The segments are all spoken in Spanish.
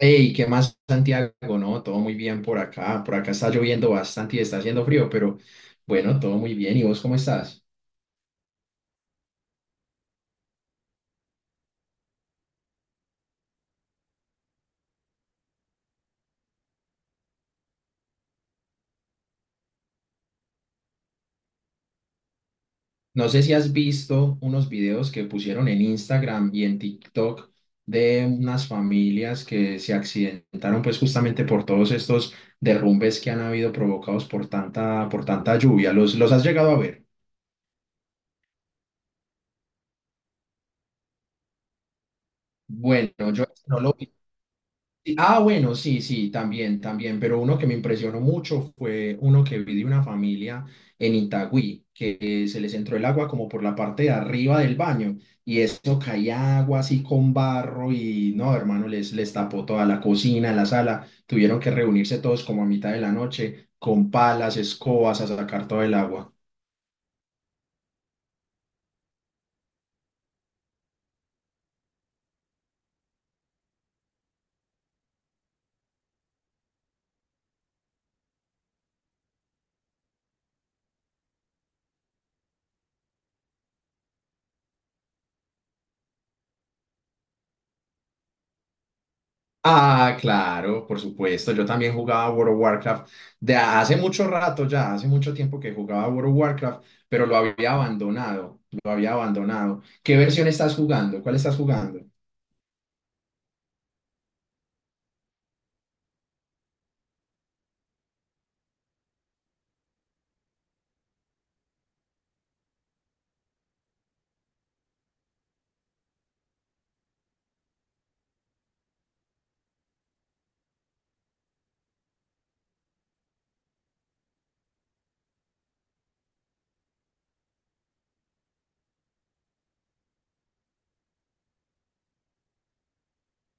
Hey, ¿qué más, Santiago? No, todo muy bien por acá. Por acá está lloviendo bastante y está haciendo frío, pero bueno, todo muy bien. ¿Y vos cómo estás? No sé si has visto unos videos que pusieron en Instagram y en TikTok de unas familias que se accidentaron pues justamente por todos estos derrumbes que han habido provocados por tanta lluvia. ¿Los has llegado a ver? Bueno, yo no lo vi. Sí, ah, bueno, sí, sí, también, también, pero uno que me impresionó mucho fue uno que vi de una familia en Itagüí, que se les entró el agua como por la parte de arriba del baño y eso caía agua así con barro y no, hermano, les tapó toda la cocina, la sala, tuvieron que reunirse todos como a mitad de la noche con palas, escobas a sacar todo el agua. Ah, claro, por supuesto. Yo también jugaba World of Warcraft de hace mucho rato ya, hace mucho tiempo que jugaba World of Warcraft, pero lo había abandonado, lo había abandonado. ¿Qué versión estás jugando? ¿Cuál estás jugando?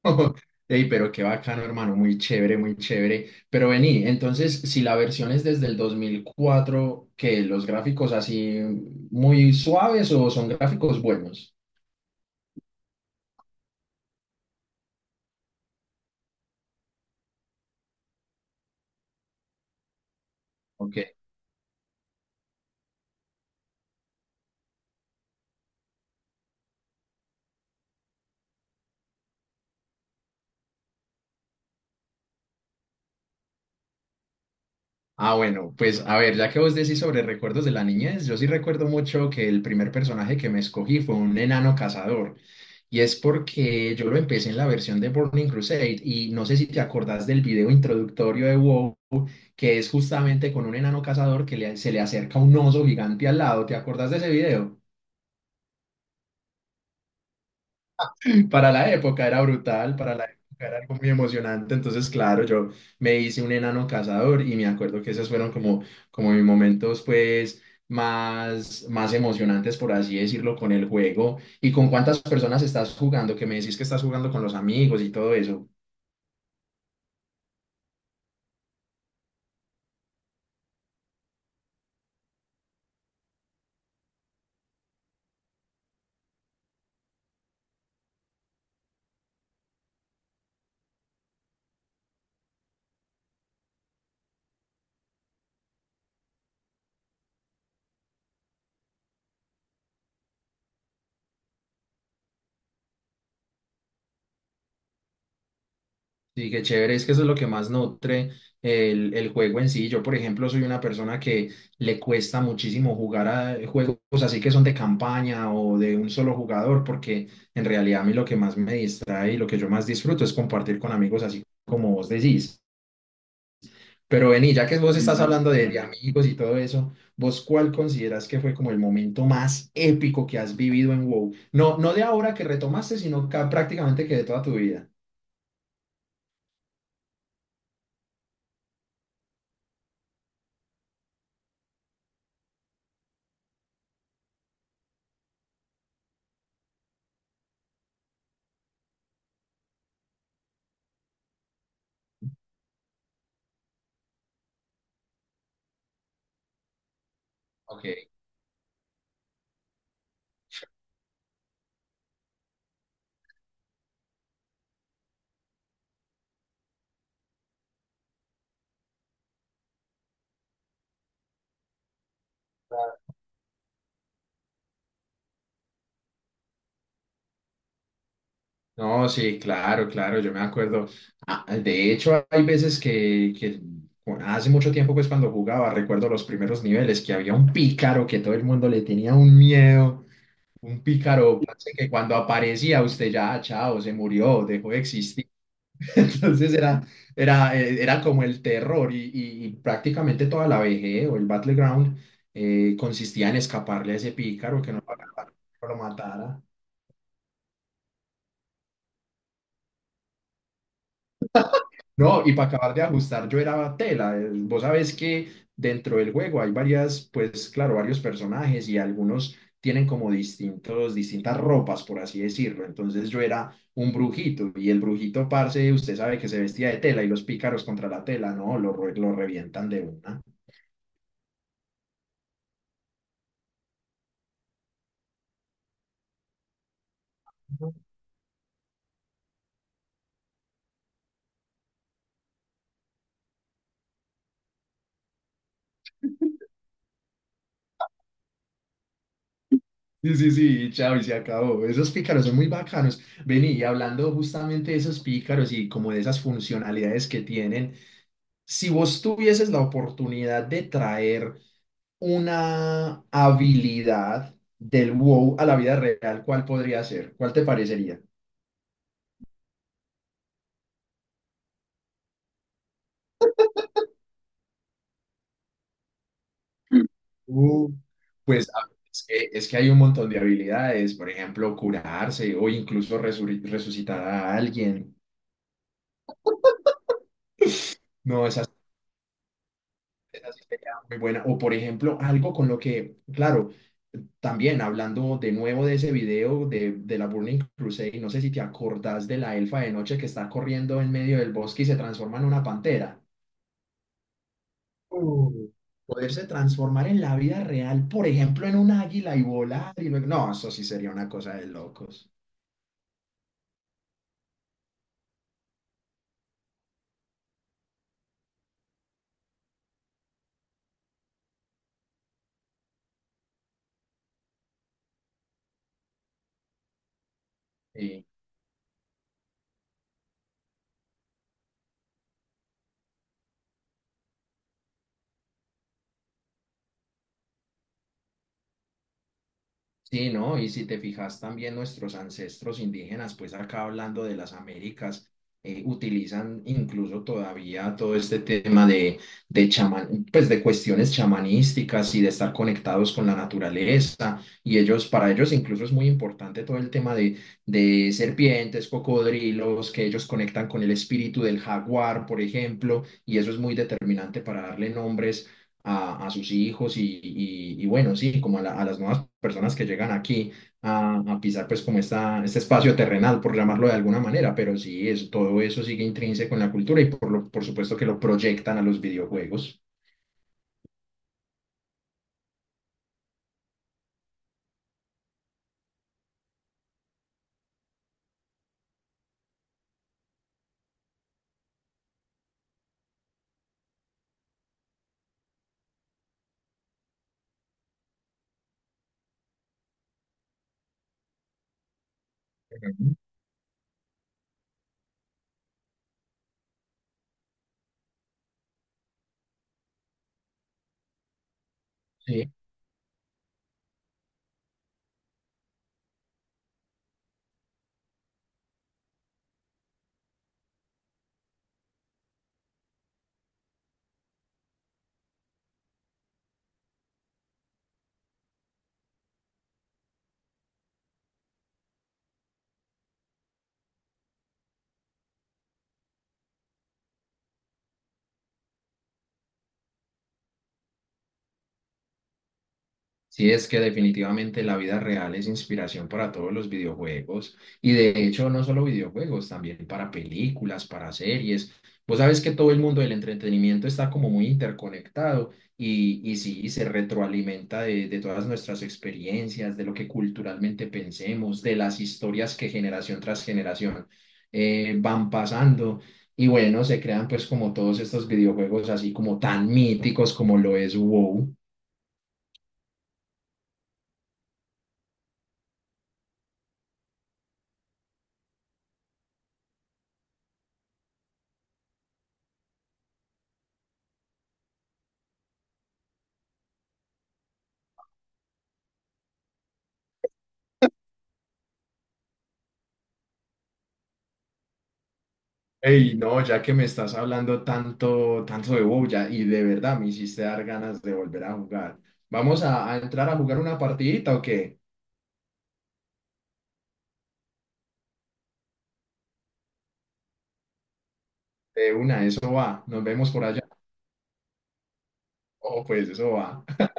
Ey, pero qué bacano, hermano, muy chévere, muy chévere. Pero vení, entonces, si la versión es desde el 2004, ¿que los gráficos así muy suaves o son gráficos buenos? Ok. Ah, bueno, pues a ver, ya que vos decís sobre recuerdos de la niñez, yo sí recuerdo mucho que el primer personaje que me escogí fue un enano cazador. Y es porque yo lo empecé en la versión de Burning Crusade y no sé si te acordás del video introductorio de WoW, que es justamente con un enano cazador que se le acerca un oso gigante al lado. ¿Te acordás de ese video? Para la época era brutal, para la época era algo muy emocionante. Entonces, claro, yo me hice un enano cazador y me acuerdo que esos fueron como, como mis momentos, pues, más emocionantes, por así decirlo, con el juego. ¿Y con cuántas personas estás jugando? Que me decís que estás jugando con los amigos y todo eso. Sí, qué chévere, es que eso es lo que más nutre el juego en sí. Yo, por ejemplo, soy una persona que le cuesta muchísimo jugar a juegos así que son de campaña o de un solo jugador, porque en realidad a mí lo que más me distrae y lo que yo más disfruto es compartir con amigos así como vos decís. Pero vení, ya que vos estás, ujú, hablando de amigos y todo eso, ¿vos cuál consideras que fue como el momento más épico que has vivido en WoW? No, no de ahora que retomaste, sino prácticamente que de toda tu vida. Ok. No, sí, claro, claro, yo me acuerdo. Ah, de hecho, hay veces que hace mucho tiempo, pues cuando jugaba, recuerdo los primeros niveles, que había un pícaro que todo el mundo le tenía un miedo, un pícaro parce, que cuando aparecía usted ya, "Ah, chao, se murió, dejó de existir". Entonces era como el terror y, y prácticamente toda la BG o el Battleground consistía en escaparle a ese pícaro, que no lo agarrara, no lo matara. No, y para acabar de ajustar, yo era tela. Vos sabés que dentro del juego hay varias, pues claro, varios personajes y algunos tienen como distintos, distintas ropas, por así decirlo. Entonces yo era un brujito y el brujito, parce, usted sabe que se vestía de tela y los pícaros contra la tela, no, lo revientan de una. Sí, sí, sí, y chao, y se acabó. Esos pícaros son muy bacanos. Vení, y hablando justamente de esos pícaros y como de esas funcionalidades que tienen, si vos tuvieses la oportunidad de traer una habilidad del WoW a la vida real, ¿cuál podría ser? ¿Cuál te parecería? Mm. Uh, pues es que hay un montón de habilidades, por ejemplo, curarse o incluso resucitar a alguien. No, esas, esa sí sería muy buena. O por ejemplo, algo con lo que, claro, también hablando de nuevo de ese video de la Burning Crusade, no sé si te acordás de la elfa de noche que está corriendo en medio del bosque y se transforma en una pantera. Uh, Poderse transformar en la vida real, por ejemplo, en un águila y volar y luego... No, eso sí sería una cosa de locos. Sí. Sí, ¿no? Y si te fijas también nuestros ancestros indígenas, pues acá hablando de las Américas, utilizan incluso todavía todo este tema de chaman, pues de cuestiones chamanísticas y de estar conectados con la naturaleza. Y ellos, para ellos incluso es muy importante todo el tema de serpientes, cocodrilos, que ellos conectan con el espíritu del jaguar, por ejemplo, y eso es muy determinante para darle nombres a sus hijos y, y bueno, sí, como a, a las nuevas personas que llegan aquí a pisar pues como esta, este espacio terrenal, por llamarlo de alguna manera, pero sí, es, todo eso sigue intrínseco en la cultura y por, lo, por supuesto que lo proyectan a los videojuegos. Ujú. Sí. Sí, es que definitivamente la vida real es inspiración para todos los videojuegos y de hecho no solo videojuegos, también para películas, para series. Vos sabes que todo el mundo del entretenimiento está como muy interconectado y sí, y se retroalimenta de todas nuestras experiencias, de lo que culturalmente pensemos, de las historias que generación tras generación van pasando. Y bueno, se crean pues como todos estos videojuegos así como tan míticos como lo es WoW. Ey, no, ya que me estás hablando tanto, tanto de WoW ya, y de verdad me hiciste dar ganas de volver a jugar. ¿Vamos a entrar a jugar una partidita o qué? De una, eso va. Nos vemos por allá. Oh, pues eso va.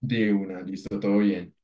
De una, listo, todo bien.